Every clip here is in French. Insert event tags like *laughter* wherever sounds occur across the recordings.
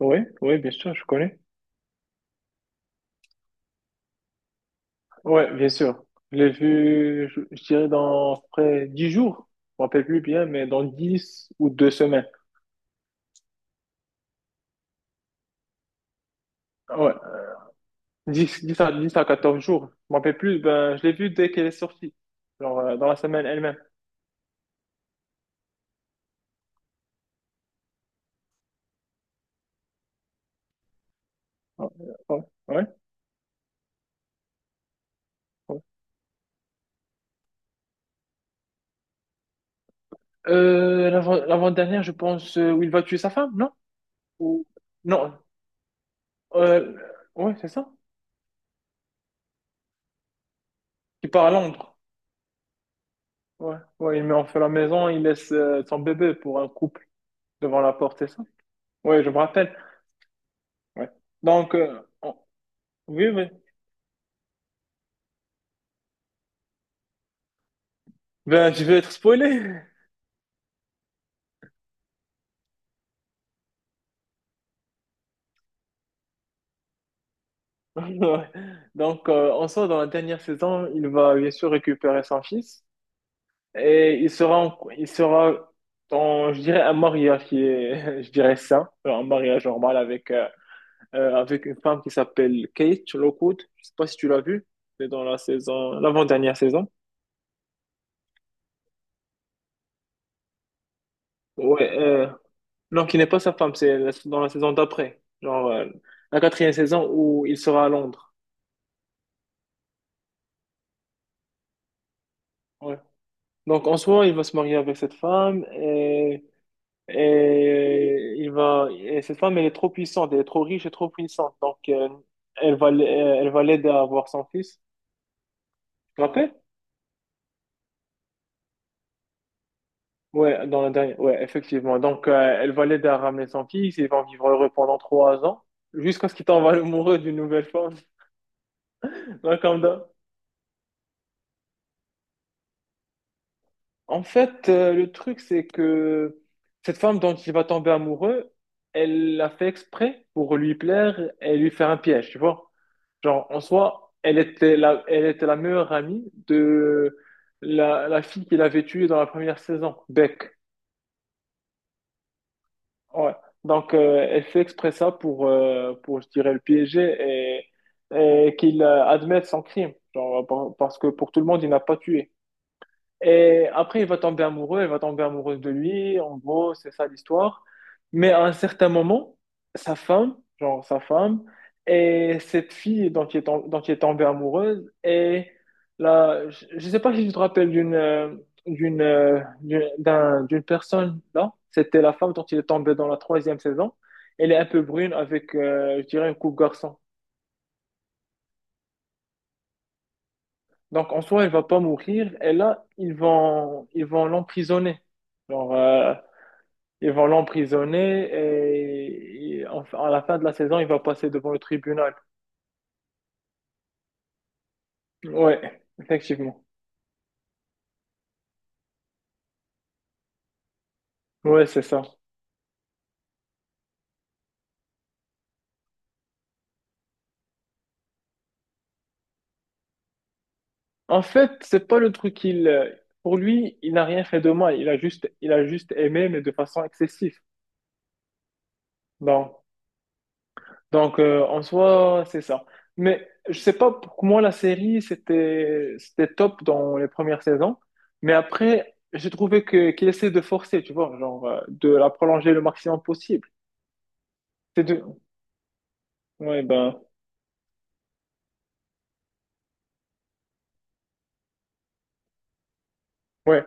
Oui, oui, bien sûr, je connais. Ouais, bien sûr. Je l'ai vu, je dirais, dans à peu près 10 jours. Je me rappelle plus bien, mais dans 10 ou 2 semaines. Ah ouais, 10 à 14 jours. Je me rappelle plus, ben, je l'ai vu dès qu'elle est sortie. Genre, dans la semaine elle-même. Ouais, ouais, ouais. Ouais. L'avant-dernière, je pense, où il va tuer sa femme, non? Ou, non, euh, ouais, c'est ça. Il part à Londres. Ouais, ouais, il met en feu la maison, il laisse, son bébé pour un couple devant la porte, c'est ça? Ouais, je me rappelle. Ouais. Donc, euh, on- oui, oui. Ben, je vais être spoilé. *laughs* Ouais. Donc, en soi, dans la dernière saison, il va bien sûr récupérer son fils il sera dans, je dirais, un mariage qui est, *laughs* je dirais, sain, un mariage normal avec, avec une femme qui s'appelle Kate Lockwood. Je sais pas si tu l'as vue. C'est dans la saison, l'avant-dernière saison. Ouais, non, qui n'est pas sa femme, dans la saison d'après, genre la quatrième saison où il sera à Londres. Ouais. Donc en soi, il va se marier avec cette femme et il va et cette femme elle est trop puissante, elle est trop riche et trop puissante. Donc elle va l'aider à avoir son fils. Tu te rappelles? Ouais, dans la dernière. Ouais, effectivement. Donc elle va l'aider à ramener son fils, ils vont vivre heureux pendant 3 ans jusqu'à ce qu'il tombe amoureux d'une nouvelle femme. *laughs* Ouais, comme d'hab. En fait, le truc, c'est que cette femme dont il va tomber amoureux, elle l'a fait exprès pour lui plaire et lui faire un piège, tu vois. Genre, en soi, elle était la meilleure amie de la fille qu'il avait tuée dans la première saison, Beck. Ouais. Donc, elle fait exprès ça pour, je dirais, le piéger et, et qu'il admette son crime. Genre, parce que pour tout le monde, il n'a pas tué. Et après, il va tomber amoureux, elle va tomber amoureuse de lui. En gros, c'est ça l'histoire. Mais à un certain moment, sa femme, genre sa femme, et cette fille dont il est tombé amoureuse, et là, je sais pas si tu te rappelles d'une personne, là. C'était la femme dont il est tombé dans la troisième saison. Elle est un peu brune avec, je dirais, une coupe garçon. Donc, en soi, elle va pas mourir. Et là, ils vont l'emprisonner. Genre, ils vont l'emprisonner à la fin de la saison, il va passer devant le tribunal. Ouais, effectivement. Ouais, c'est ça. En fait, c'est pas le truc qu'il. Pour lui, il n'a rien fait de mal. Il a juste aimé, mais de façon excessive. Bon, donc en soi, c'est ça. Mais je sais pas, pour moi, la série, c'était top dans les premières saisons. Mais après, j'ai trouvé que qu'il essaie de forcer, tu vois, genre, de la prolonger le maximum possible. C'est de. Ouais, ben. Ouais.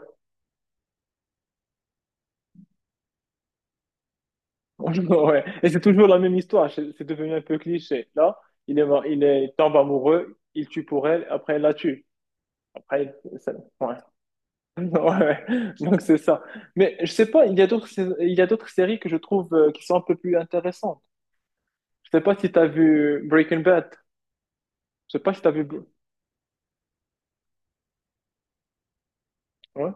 *laughs* Ouais. Et c'est toujours la même histoire, c'est devenu un peu cliché. Là, il est, mar- il est, il tombe amoureux, il tue pour elle, après elle la tue. Après, il- ça- ouais. *laughs* Ouais, ouais. Donc c'est ça. Mais je sais pas, il y a d'autres séries que je trouve qui sont un peu plus intéressantes. Je sais pas si t'as vu Breaking Bad. Je sais pas si t'as vu. Br- Ouais.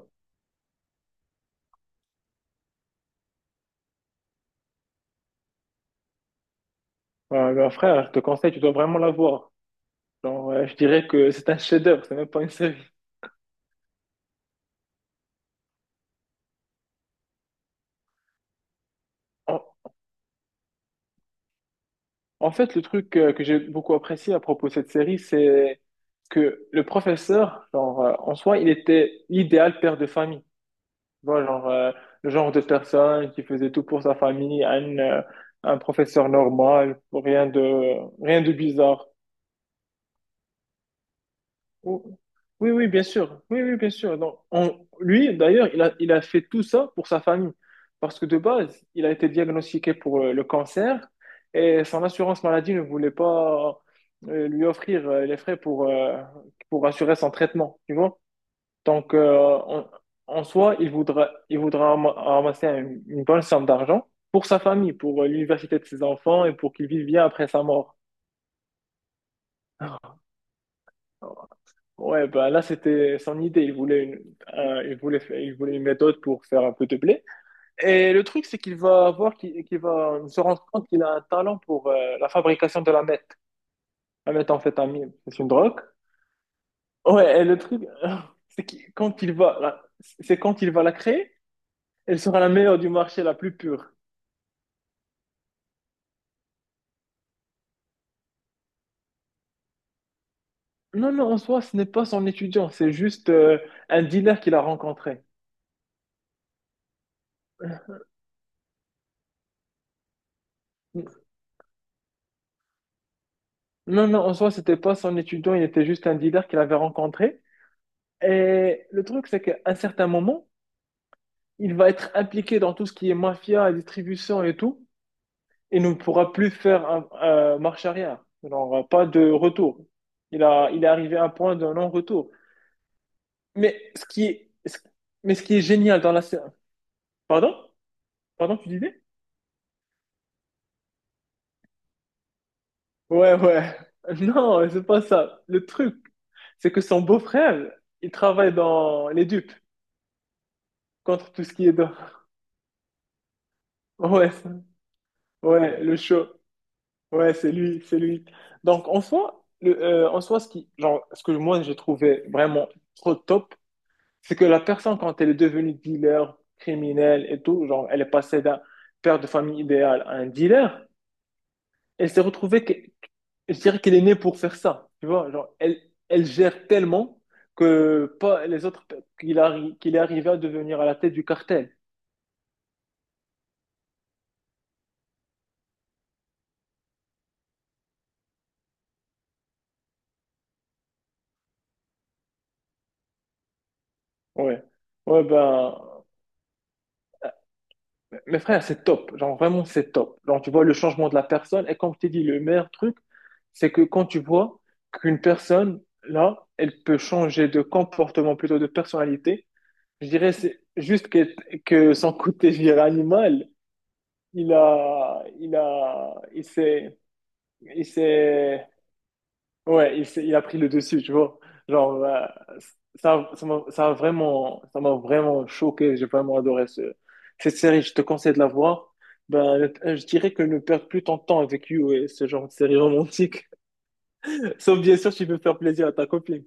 Ouais, bah, frère, je te conseille, tu dois vraiment la voir. Genre, je dirais que c'est un chef-d'œuvre, c'est même pas une série. En fait, le truc que j'ai beaucoup apprécié à propos de cette série, c'est que le professeur, genre, en soi, il était l'idéal père de famille. Tu vois, genre, le genre de personne qui faisait tout pour sa famille, un professeur normal, rien de bizarre. Oh, oui, oui, bien sûr. Oui, oui, bien sûr. Donc, lui, d'ailleurs, il a fait tout ça pour sa famille. Parce que de base, il a été diagnostiqué pour le cancer et son assurance maladie ne voulait pas lui offrir les frais pour assurer son traitement. Tu vois? Donc, en, en soi, il voudra ramasser une bonne somme d'argent pour sa famille, pour l'université de ses enfants et pour qu'il vive bien après sa mort. *laughs* Ouais, bah là, c'était son idée. Il voulait une méthode pour faire un peu de blé. Et le truc, c'est qu'il va voir, qu'il va se rendre compte qu'il a un talent pour la fabrication de la meth. La méthamphétamine, c'est une drogue. Ouais, et le truc, *laughs* c'est que quand il va, la- c'est quand il va la créer, elle sera la meilleure du marché, la plus pure. Non, non, en soi, ce n'est pas son étudiant, c'est juste un dealer qu'il a rencontré. Non, non, en soi, c'était pas son étudiant, il était juste un dealer qu'il avait rencontré. Et le truc, c'est qu'à un certain moment, il va être impliqué dans tout ce qui est mafia, distribution et tout, et ne pourra plus faire un, marche arrière. Il n'aura pas de retour. Il est arrivé à un point de non-retour. Mais ce qui est, ce- mais ce qui est génial dans la série. Pardon? Pardon, tu disais? Ouais, ouais. *laughs* Non, c'est pas ça. Le truc, c'est que son beau-frère, il travaille dans les dupes contre tout ce qui est d'or. *laughs* Ouais, ça- ouais, le show. Ouais, c'est lui, c'est lui. Donc, en soi, ce qui, genre, ce que moi, j'ai trouvé vraiment trop top, c'est que la personne, quand elle est devenue dealer, criminelle et tout, genre, elle est passée d'un père de famille idéal à un dealer, elle s'est retrouvée, que, je dirais qu'elle est née pour faire ça, tu vois, genre, elle, elle gère tellement que pas les autres, qu'il est arrivé à devenir à la tête du cartel. Ouais. Ouais, ben, mes frères, c'est top. Genre, vraiment, c'est top. Genre, tu vois le changement de la personne. Et comme je t'ai dit, le meilleur truc, c'est que quand tu vois qu'une personne, là, elle peut changer de comportement, plutôt de personnalité, je dirais, c'est juste que son côté, je dirais, animal, il a, il a, il s'est ouais, il a pris le dessus, tu vois. Genre, ça, ça m'a ça a vraiment, ça m'a vraiment choqué. J'ai vraiment adoré cette série. Je te conseille de la voir. Ben, je dirais que ne perds plus ton temps avec You et ce genre de série romantique. *laughs* Sauf bien sûr, si tu veux faire plaisir à ta copine.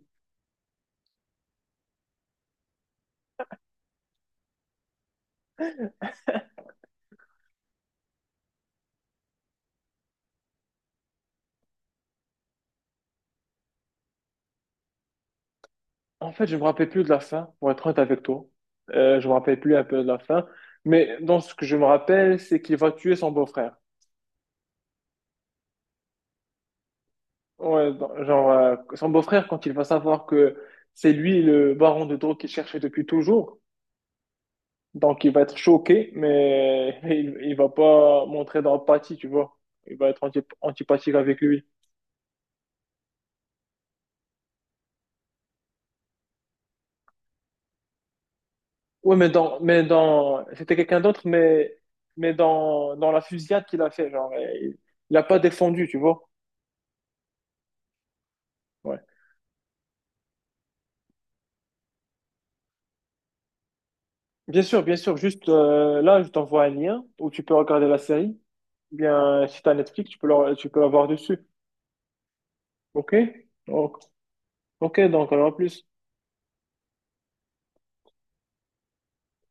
En fait, je me rappelle plus de la fin, pour être honnête avec toi. Je me rappelle plus un peu de la fin. Mais dans ce que je me rappelle, c'est qu'il va tuer son beau-frère. Ouais, genre, son beau-frère, quand il va savoir que c'est lui le baron de drogue qu'il cherchait depuis toujours, donc il va être choqué, mais *laughs* il va pas montrer d'empathie, tu vois. Il va être antipathique avec lui. Ouais, c'était quelqu'un d'autre, mais, dans la fusillade qu'il a fait, genre, il a pas défendu, tu vois. Ouais. Bien sûr, juste, là, je t'envoie un lien où tu peux regarder la série. Bien, si t'as Netflix, tu peux l'avoir dessus. Ok? Donc, Ok, donc alors à plus.